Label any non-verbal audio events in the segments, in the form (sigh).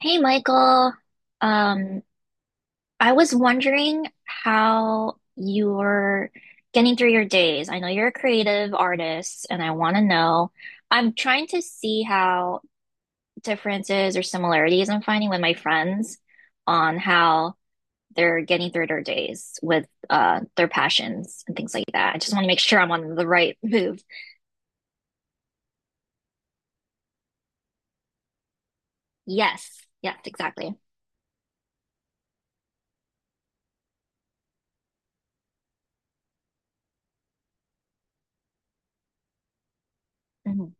Hey Michael, um, I was wondering how you're getting through your days. I know you're a creative artist, and I want to know. I'm trying to see how differences or similarities I'm finding with my friends on how they're getting through their days with their passions and things like that. I just want to make sure I'm on the right move. Yes, yes, exactly. Hmm.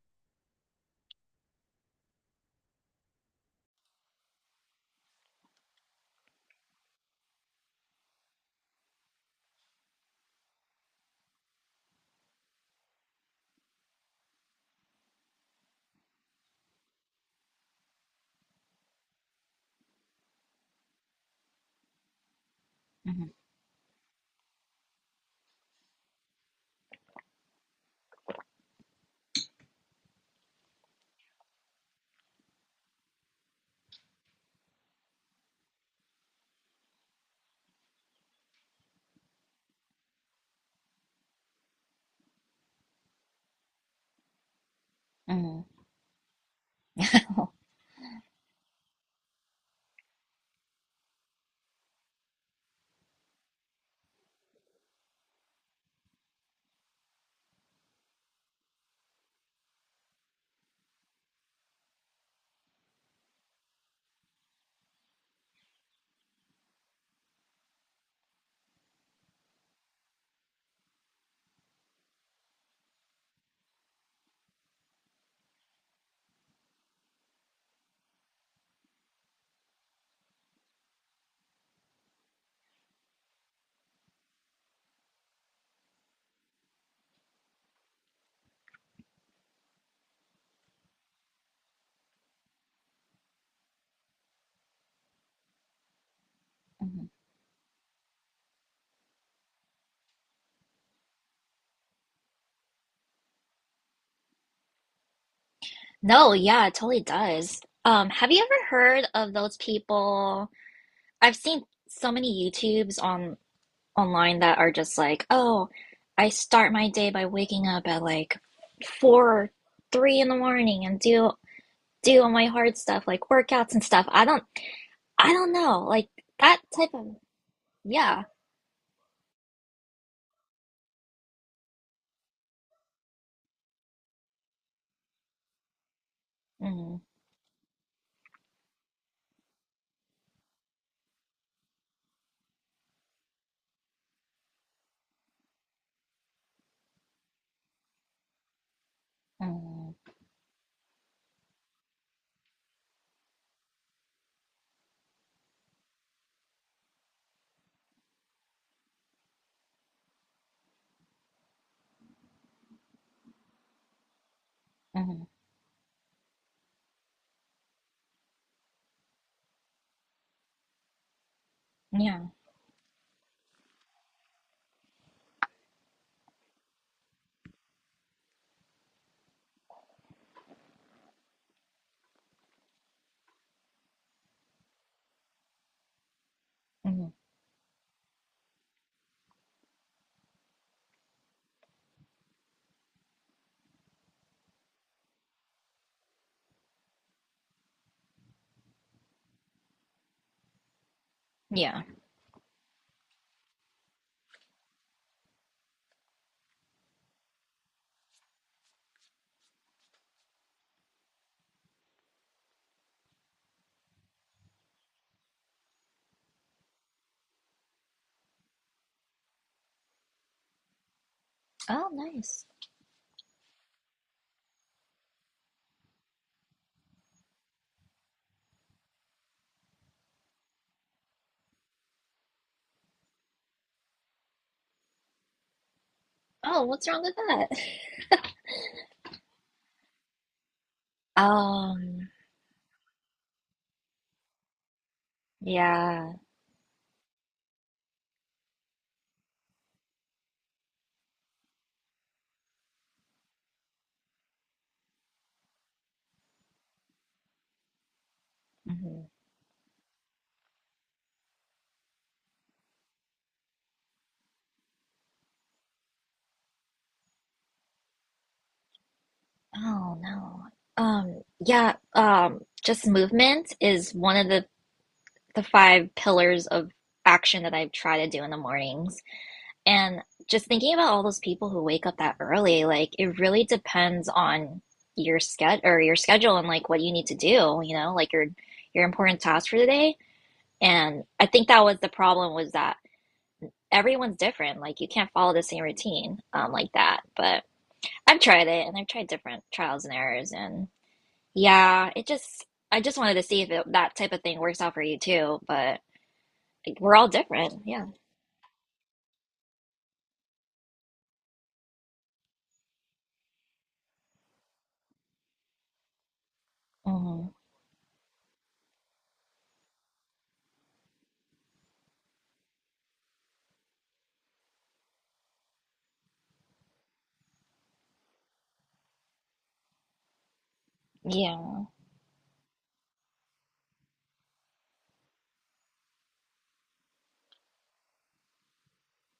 Mhm. Mhm. (laughs) No, yeah, it totally does. Have you ever heard of those people? I've seen so many YouTubes on online that are just like, "Oh, I start my day by waking up at like four or three in the morning and do all my hard stuff like workouts and stuff." I don't know, like that type of. Yeah. Mm. Mm. Mm. Yeah. Mm. Yeah. Oh, nice. Oh, what's wrong with that? (laughs) Um, yeah. Mhm. Oh no. Yeah, just movement is one of the five pillars of action that I try to do in the mornings. And just thinking about all those people who wake up that early, like it really depends on your schedule and like what you need to do, you know, like your important tasks for the day. And I think that was the problem was that everyone's different. Like you can't follow the same routine like that. But I've tried it and I've tried different trials and errors and. Yeah, it just I just wanted to see if that type of thing works out for you too, but like, we're all different. Yeah. Hmm. Yeah.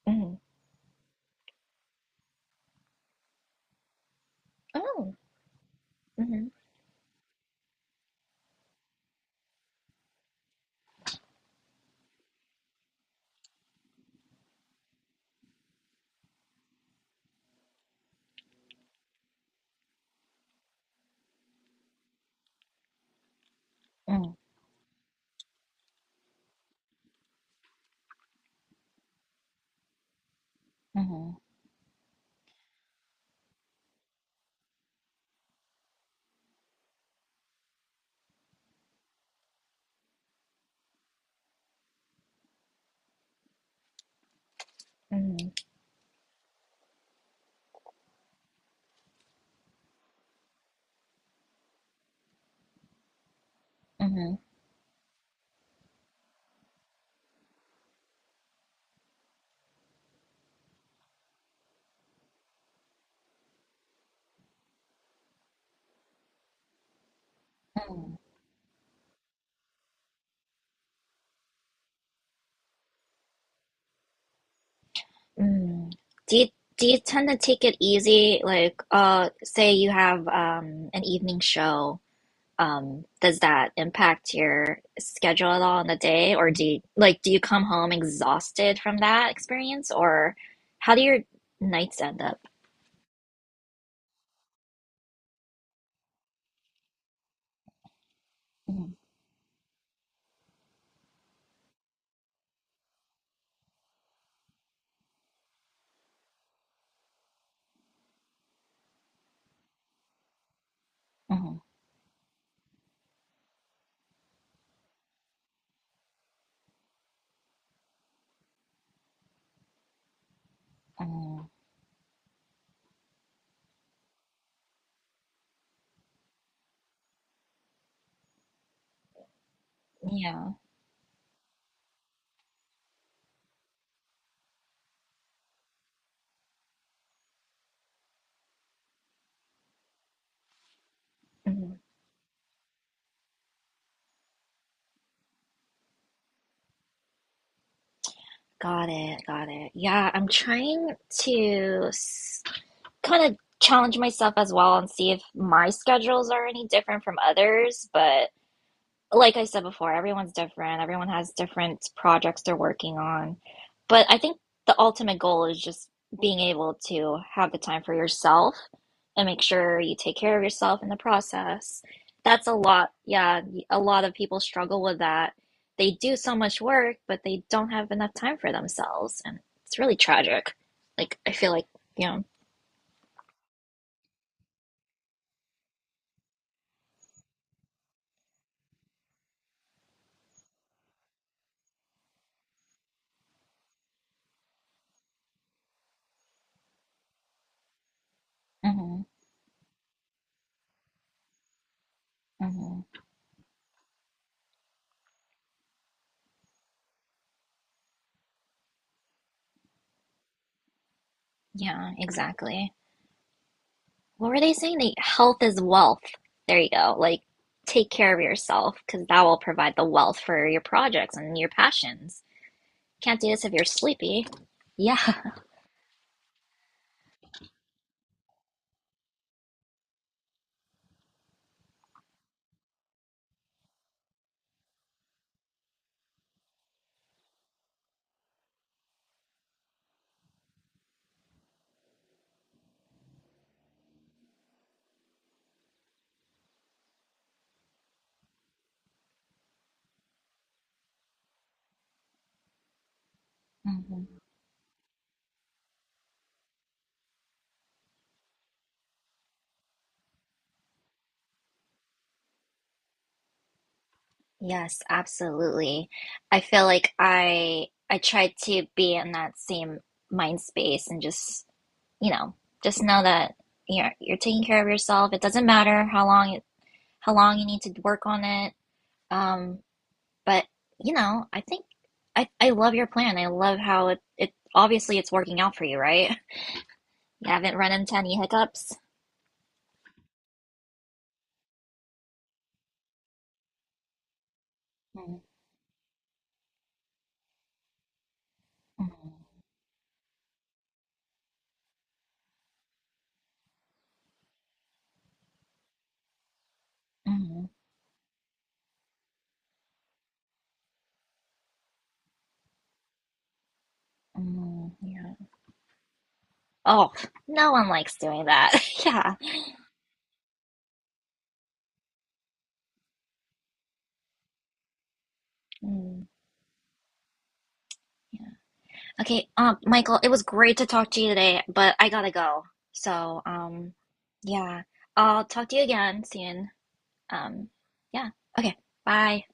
Hmm. Oh. Hmm. Hmm. Hmm. Hmm. Hmm. Hmm. Do you do you tend to take it easy? Like, say you have an evening show. Does that impact your schedule at all in the day, or do you like do you come home exhausted from that experience, or how do your nights end up? Oh, oh, yeah. Mm, got it, got it. Yeah, I'm trying to kind of challenge myself as well and see if my schedules are any different from others, but like I said before, everyone's different. Everyone has different projects they're working on. But I think the ultimate goal is just being able to have the time for yourself and make sure you take care of yourself in the process. That's a lot. Yeah, a lot of people struggle with that. They do so much work, but they don't have enough time for themselves. And it's really tragic. Like, I feel like, you know, hmm hmm yeah, exactly. What were they saying? They, health is wealth. There you go. Like, take care of yourself because that will provide the wealth for your projects and your passions. Can't do this if you're sleepy. Yeah. Mhm. Yes, absolutely. I feel like I try to be in that same mind space and you know, just know that you're taking care of yourself. It doesn't matter how long how long you need to work on it. Um. But, you know, I think I love your plan. I love how it obviously it's working out for you, right? You haven't run into any hiccups. Mm. Mm. Mm. Hmm. Yeah. Oh, no one likes doing that. (laughs) Yeah. Mm, yeah. Okay, Michael, it was great to talk to you today, but I gotta go. So, yeah, I'll talk to you again soon. Um, yeah. Okay, bye.